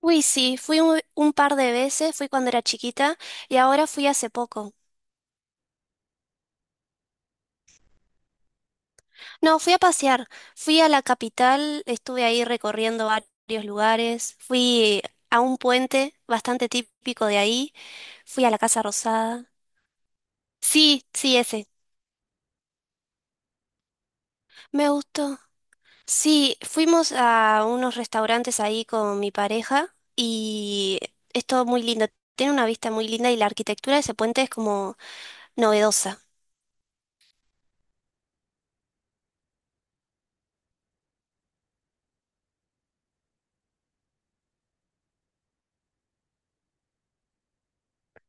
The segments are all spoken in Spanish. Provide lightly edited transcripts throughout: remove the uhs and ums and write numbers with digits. Uy, sí, fui un par de veces, fui cuando era chiquita y ahora fui hace poco. No, fui a pasear, fui a la capital, estuve ahí recorriendo varios lugares, fui a un puente bastante típico de ahí, fui a la Casa Rosada. Sí, sí, ese. Me gustó. Sí, fuimos a unos restaurantes ahí con mi pareja y es todo muy lindo. Tiene una vista muy linda y la arquitectura de ese puente es como novedosa.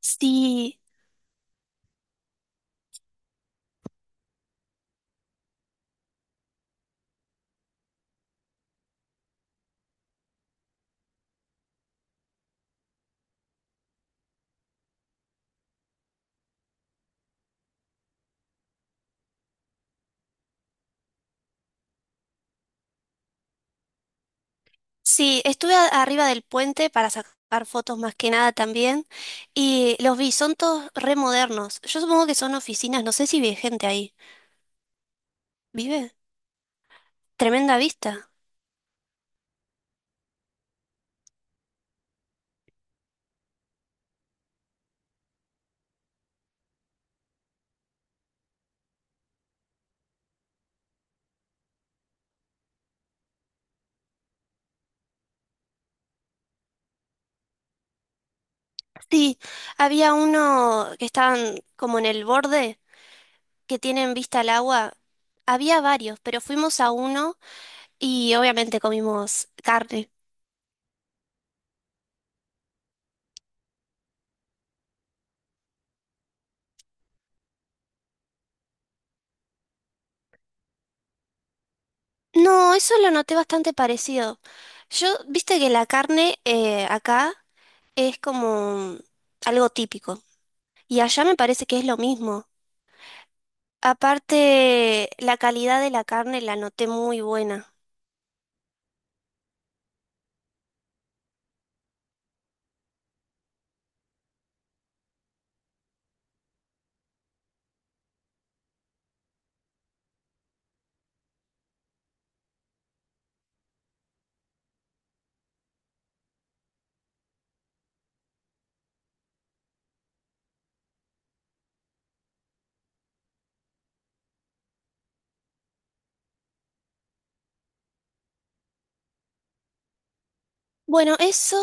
Sí. Sí, estuve arriba del puente para sacar fotos más que nada también y los vi, son todos re modernos. Yo supongo que son oficinas, no sé si vive gente ahí. ¿Vive? Tremenda vista. Sí, había uno que estaban como en el borde, que tienen vista al agua. Había varios, pero fuimos a uno y obviamente comimos carne. No, eso lo noté bastante parecido. Yo, viste que la carne acá es como algo típico. Y allá me parece que es lo mismo. Aparte, la calidad de la carne la noté muy buena. Bueno, eso,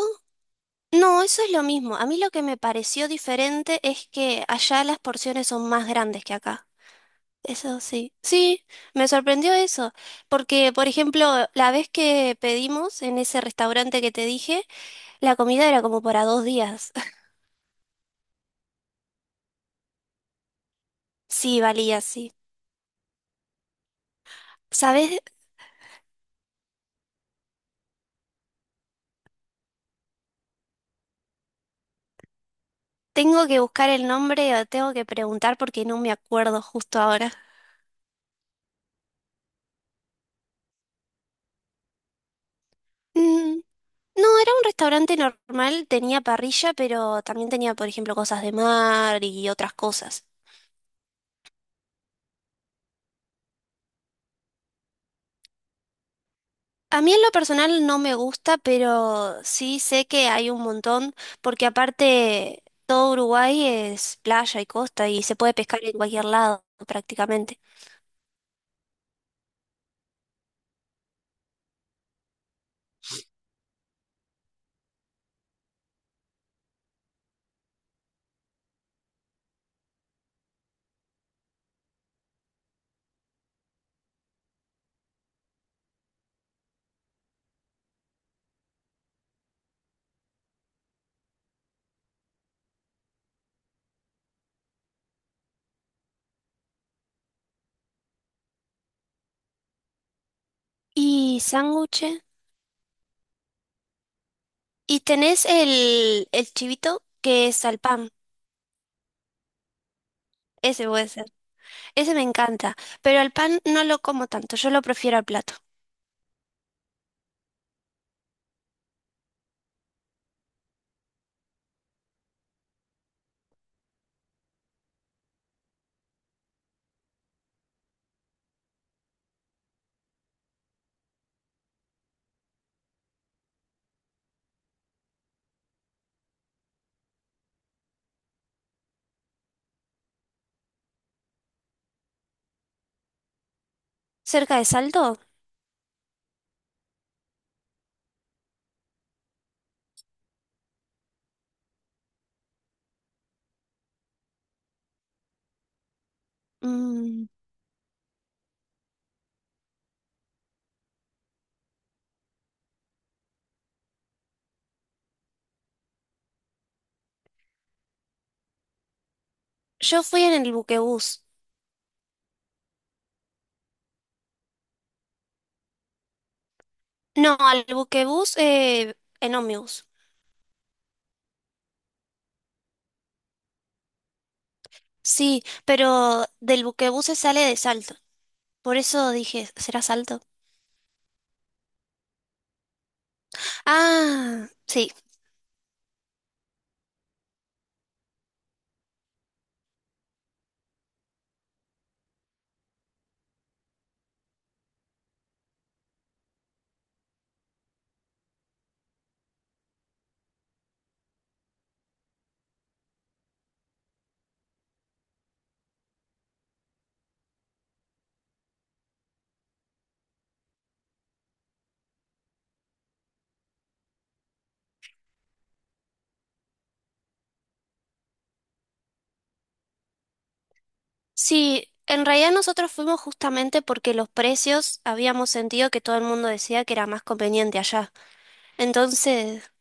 no, eso es lo mismo. A mí lo que me pareció diferente es que allá las porciones son más grandes que acá. Eso sí. Sí, me sorprendió eso. Porque, por ejemplo, la vez que pedimos en ese restaurante que te dije, la comida era como para 2 días. Sí, valía, sí. ¿Sabes? Tengo que buscar el nombre o tengo que preguntar porque no me acuerdo justo ahora. Mm. No, era un restaurante normal, tenía parrilla, pero también tenía, por ejemplo, cosas de mar y otras cosas. A mí en lo personal no me gusta, pero sí sé que hay un montón, porque aparte todo Uruguay es playa y costa y se puede pescar en cualquier lado prácticamente. Y sándwiches. Y tenés el chivito, que es al pan. Ese puede ser. Ese me encanta, pero al pan no lo como tanto, yo lo prefiero al plato. ¿Cerca de Salto? Mm, Yo fui en el buquebús. No, al buquebús en ómnibus. Sí, pero del buquebús se sale de Salto. Por eso dije, ¿será Salto? Ah, sí. Sí, en realidad nosotros fuimos justamente porque los precios habíamos sentido que todo el mundo decía que era más conveniente allá. Entonces,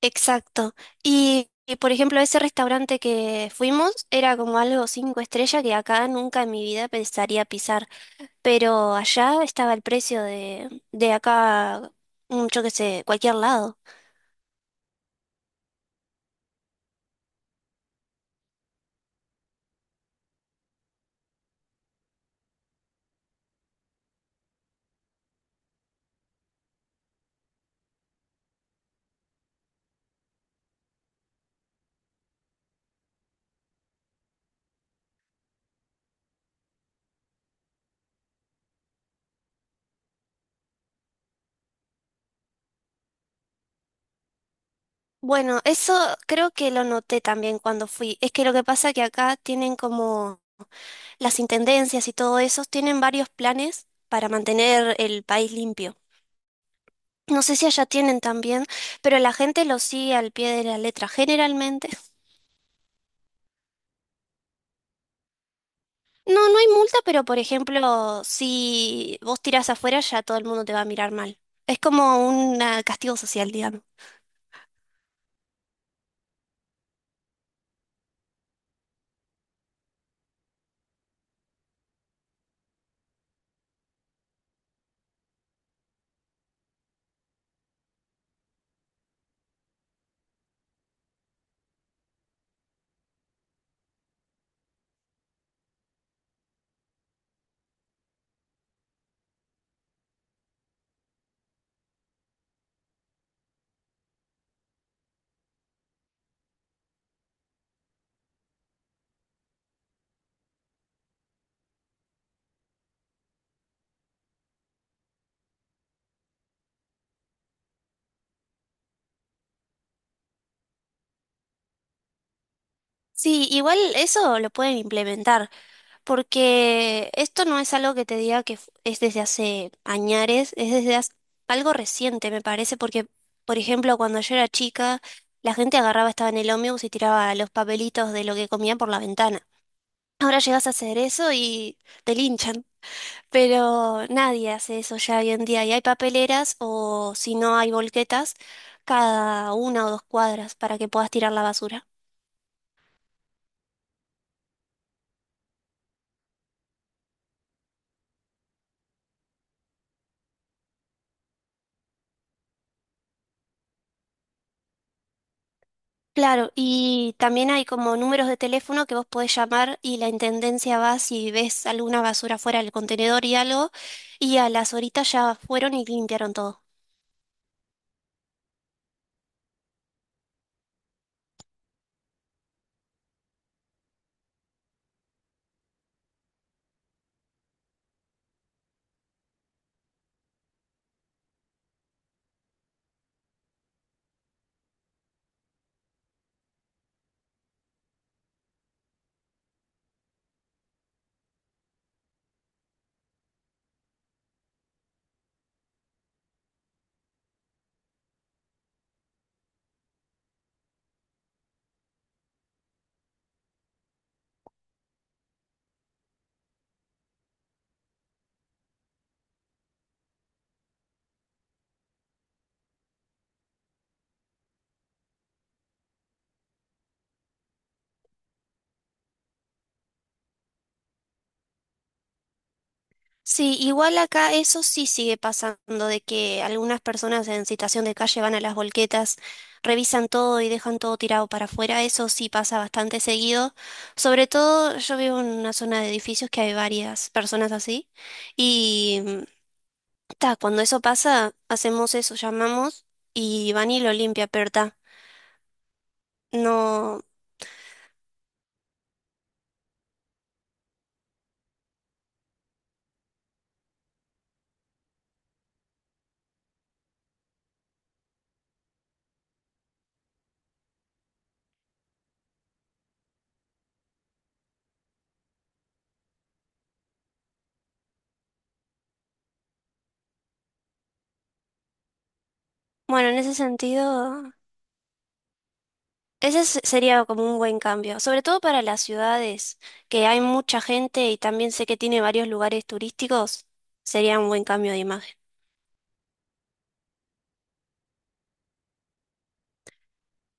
exacto. Por ejemplo, ese restaurante que fuimos era como algo 5 estrellas que acá nunca en mi vida pensaría pisar. Pero allá estaba el precio de acá, mm, yo qué sé, cualquier lado. Bueno, eso creo que lo noté también cuando fui. Es que lo que pasa que acá tienen como las intendencias y todo eso, tienen varios planes para mantener el país limpio. No sé si allá tienen también, pero la gente lo sigue al pie de la letra generalmente. No, no hay multa, pero por ejemplo, si vos tirás afuera, ya todo el mundo te va a mirar mal. Es como un castigo social, digamos. Sí, igual eso lo pueden implementar, porque esto no es algo que te diga que es desde hace añares, es desde hace- algo reciente, me parece, porque, por ejemplo, cuando yo era chica, la gente agarraba, estaba en el ómnibus y tiraba los papelitos de lo que comían por la ventana. Ahora llegas a hacer eso y te linchan, pero nadie hace eso ya hoy en día, y hay papeleras o si no hay volquetas cada una o 2 cuadras para que puedas tirar la basura. Claro, y también hay como números de teléfono que vos podés llamar y la intendencia va si ves alguna basura fuera del contenedor y algo, y a las horitas ya fueron y limpiaron todo. Sí, igual acá eso sí sigue pasando, de que algunas personas en situación de calle van a las volquetas, revisan todo y dejan todo tirado para afuera, eso sí pasa bastante seguido. Sobre todo yo vivo en una zona de edificios que hay varias personas así, y ta, cuando eso pasa, hacemos eso, llamamos y van y lo limpia, pero ta, no, bueno, en ese sentido, ese sería como un buen cambio, sobre todo para las ciudades, que hay mucha gente y también sé que tiene varios lugares turísticos, sería un buen cambio de imagen.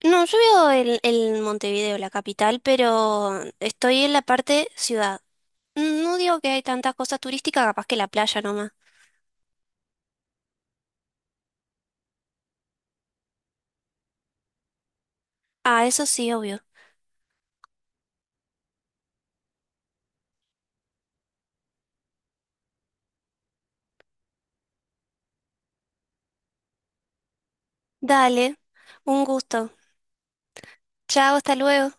No, yo vivo en Montevideo, la capital, pero estoy en la parte ciudad. No digo que hay tantas cosas turísticas, capaz que la playa nomás. Ah, eso sí, obvio. Dale, un gusto. Chao, hasta luego.